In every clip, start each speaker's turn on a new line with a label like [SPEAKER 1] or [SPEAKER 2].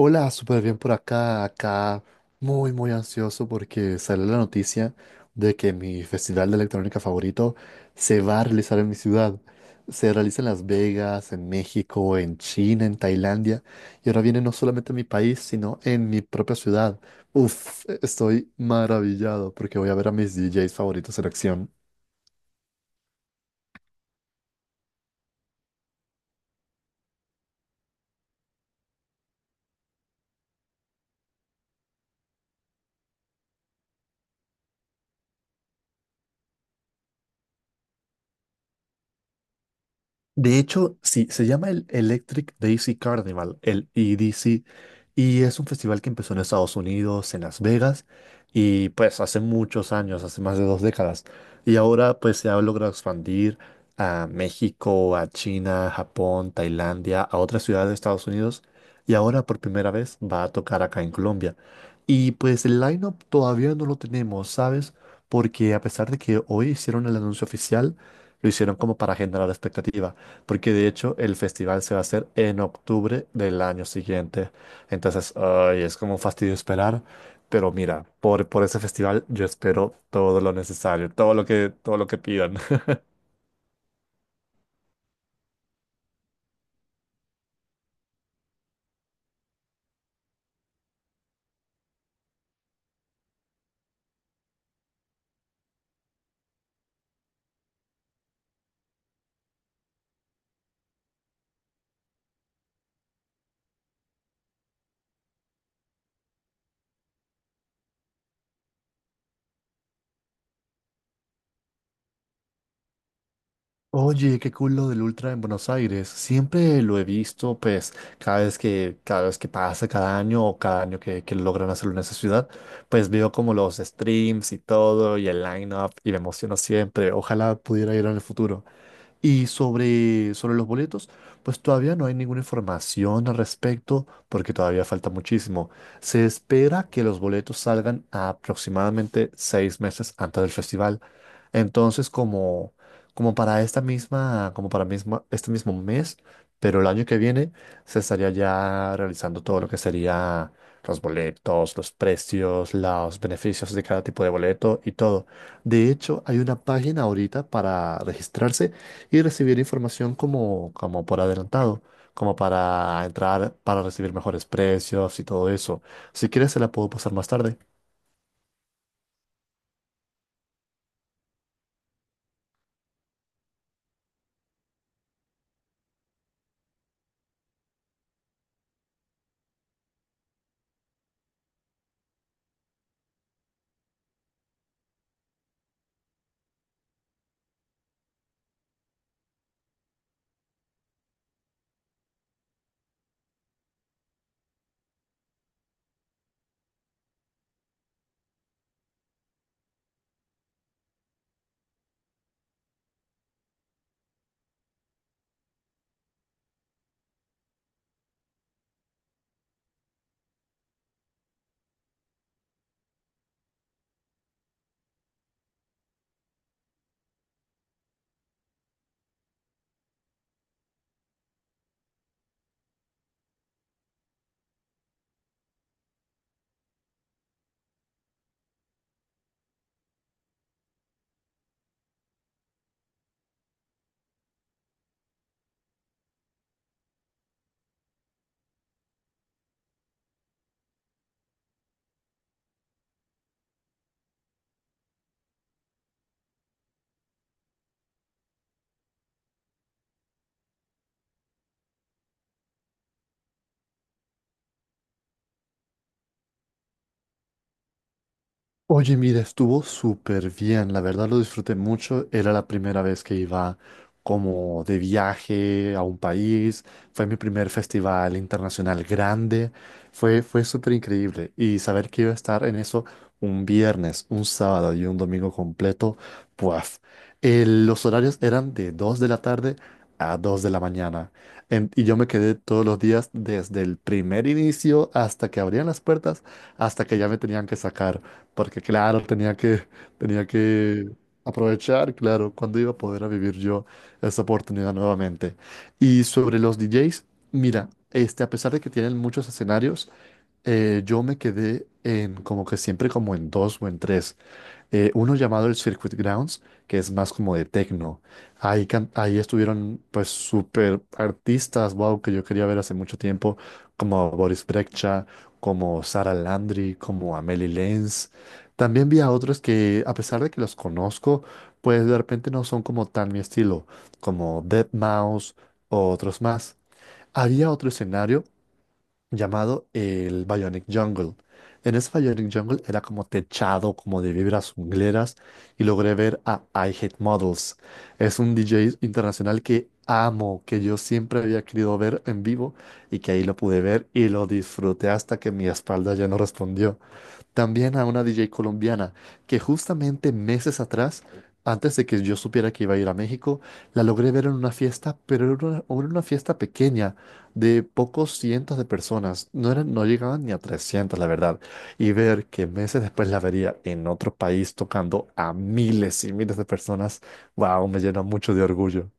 [SPEAKER 1] Hola, súper bien por acá muy muy ansioso porque salió la noticia de que mi festival de electrónica favorito se va a realizar en mi ciudad. Se realiza en Las Vegas, en México, en China, en Tailandia y ahora viene no solamente a mi país, sino en mi propia ciudad. Uf, estoy maravillado porque voy a ver a mis DJs favoritos en acción. De hecho, sí, se llama el Electric Daisy Carnival, el EDC, y es un festival que empezó en Estados Unidos, en Las Vegas, y pues hace muchos años, hace más de 2 décadas, y ahora pues se ha logrado expandir a México, a China, Japón, Tailandia, a otras ciudades de Estados Unidos, y ahora por primera vez va a tocar acá en Colombia. Y pues el lineup todavía no lo tenemos, ¿sabes? Porque a pesar de que hoy hicieron el anuncio oficial, lo hicieron como para generar expectativa. Porque de hecho el festival se va a hacer en octubre del año siguiente. Entonces, ay, es como un fastidio esperar. Pero mira, por ese festival yo espero todo lo necesario, todo lo que pidan. Oye, qué cool lo del Ultra en Buenos Aires. Siempre lo he visto, pues, cada vez que pasa, cada año o cada año que logran hacerlo en esa ciudad, pues veo como los streams y todo y el line-up y me emociono siempre. Ojalá pudiera ir en el futuro. Y sobre los boletos, pues todavía no hay ninguna información al respecto porque todavía falta muchísimo. Se espera que los boletos salgan aproximadamente 6 meses antes del festival. Entonces, como, como para esta misma, como para misma, este mismo mes, pero el año que viene, se estaría ya realizando todo lo que sería los boletos, los precios, los beneficios de cada tipo de boleto y todo. De hecho, hay una página ahorita para registrarse y recibir información como por adelantado, como para entrar, para recibir mejores precios y todo eso. Si quieres, se la puedo pasar más tarde. Oye, mira, estuvo súper bien, la verdad lo disfruté mucho, era la primera vez que iba como de viaje a un país, fue mi primer festival internacional grande, fue súper increíble y saber que iba a estar en eso un viernes, un sábado y un domingo completo, pues los horarios eran de 2 de la tarde a 2 de la mañana. Y yo me quedé todos los días desde el primer inicio hasta que abrían las puertas, hasta que ya me tenían que sacar. Porque claro, tenía que aprovechar, claro, cuando iba a poder a vivir yo esa oportunidad nuevamente. Y sobre los DJs, mira, este, a pesar de que tienen muchos escenarios, yo me quedé en como que siempre como en dos o en tres, uno llamado el Circuit Grounds, que es más como de techno. Ahí, ahí estuvieron pues súper artistas, wow, que yo quería ver hace mucho tiempo, como Boris Brejcha, como Sara Landry, como Amelie Lenz. También vi a otros que, a pesar de que los conozco, pues de repente no son como tan mi estilo, como deadmau5 o otros más. Había otro escenario llamado el Bionic Jungle. En ese Bionic Jungle era como techado, como de vibras jungleras, y logré ver a I Hate Models. Es un DJ internacional que amo, que yo siempre había querido ver en vivo y que ahí lo pude ver y lo disfruté hasta que mi espalda ya no respondió. También a una DJ colombiana que justamente meses atrás, antes de que yo supiera que iba a ir a México, la logré ver en una fiesta, pero era una fiesta pequeña de pocos cientos de personas. No eran, no llegaban ni a 300, la verdad. Y ver que meses después la vería en otro país tocando a miles y miles de personas, wow, me llena mucho de orgullo.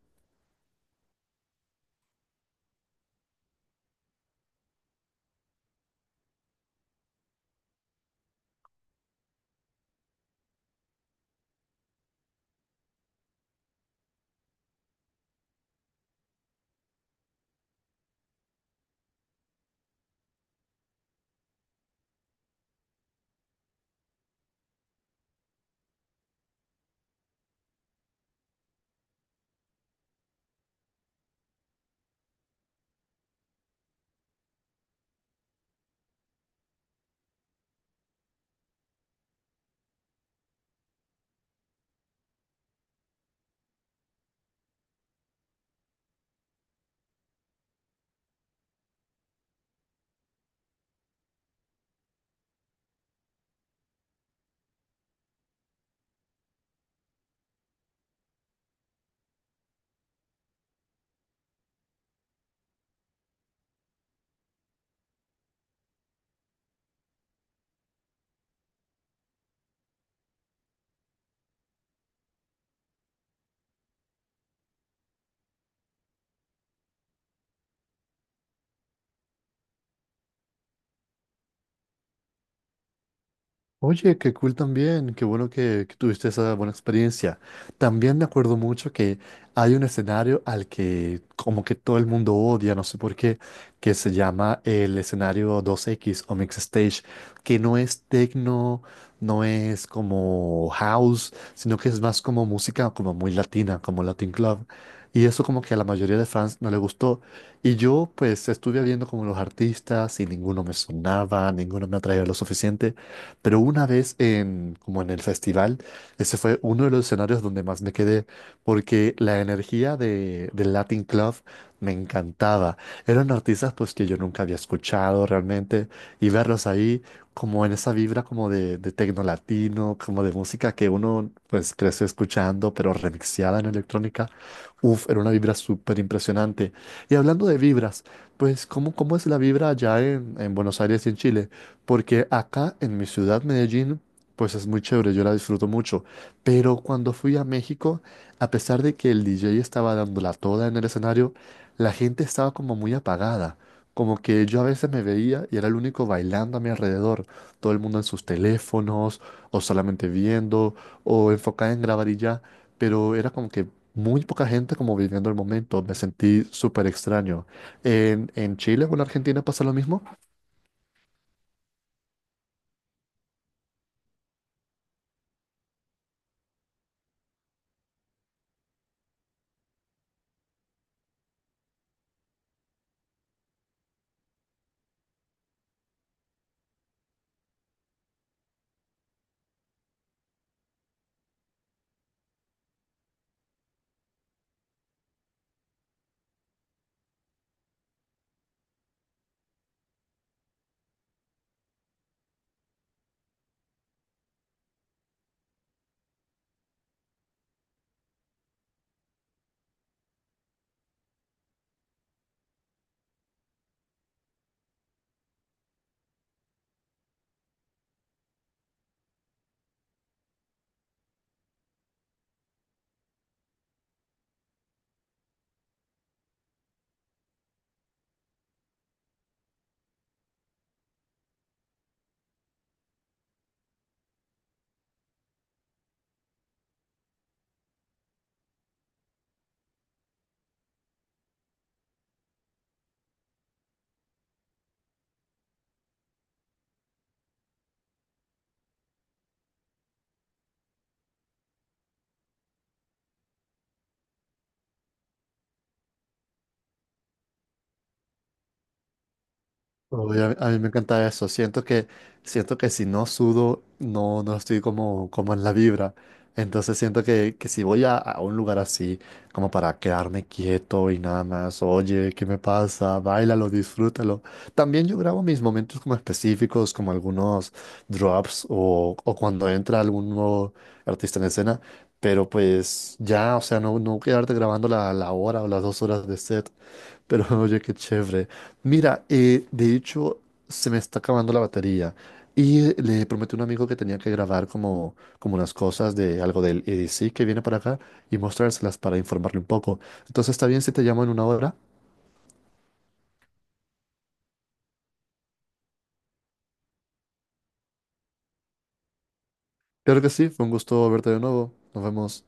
[SPEAKER 1] Oye, qué cool también, qué bueno que tuviste esa buena experiencia. También me acuerdo mucho que hay un escenario al que como que todo el mundo odia, no sé por qué, que se llama el escenario 2X o Mix Stage, que no es techno, no es como house, sino que es más como música como muy latina, como Latin Club. Y eso como que a la mayoría de fans no le gustó. Y yo pues estuve viendo como los artistas y ninguno me sonaba, ninguno me atraía lo suficiente. Pero como en el festival, ese fue uno de los escenarios donde más me quedé, porque la energía del Latin Club me encantaba. Eran artistas pues que yo nunca había escuchado realmente y verlos ahí como en esa vibra como de tecno latino, como de música que uno pues creció escuchando, pero remixeada en electrónica. Uf, era una vibra súper impresionante. Y hablando de vibras, pues cómo es la vibra allá en Buenos Aires y en Chile? Porque acá en mi ciudad, Medellín, pues es muy chévere, yo la disfruto mucho. Pero cuando fui a México, a pesar de que el DJ estaba dándola toda en el escenario, la gente estaba como muy apagada. Como que yo a veces me veía y era el único bailando a mi alrededor. Todo el mundo en sus teléfonos, o solamente viendo, o enfocada en grabar y ya. Pero era como que muy poca gente como viviendo el momento. Me sentí súper extraño. En Chile o en Argentina pasa lo mismo? Uy, a mí me encanta eso. Siento que si no sudo, no estoy como, como en la vibra. Entonces siento que si voy a un lugar así, como para quedarme quieto y nada más, oye, ¿qué me pasa? Báilalo, disfrútalo. También yo grabo mis momentos como específicos, como algunos drops o cuando entra algún nuevo artista en escena. Pero pues ya, o sea, no quedarte grabando la hora o las 2 horas de set. Pero oye, qué chévere. Mira, de hecho, se me está acabando la batería y le prometí a un amigo que tenía que grabar como unas cosas de algo del EDC que viene para acá y mostrárselas para informarle un poco. Entonces, ¿está bien si te llamo en 1 hora? Claro que sí, fue un gusto verte de nuevo. Nos vemos.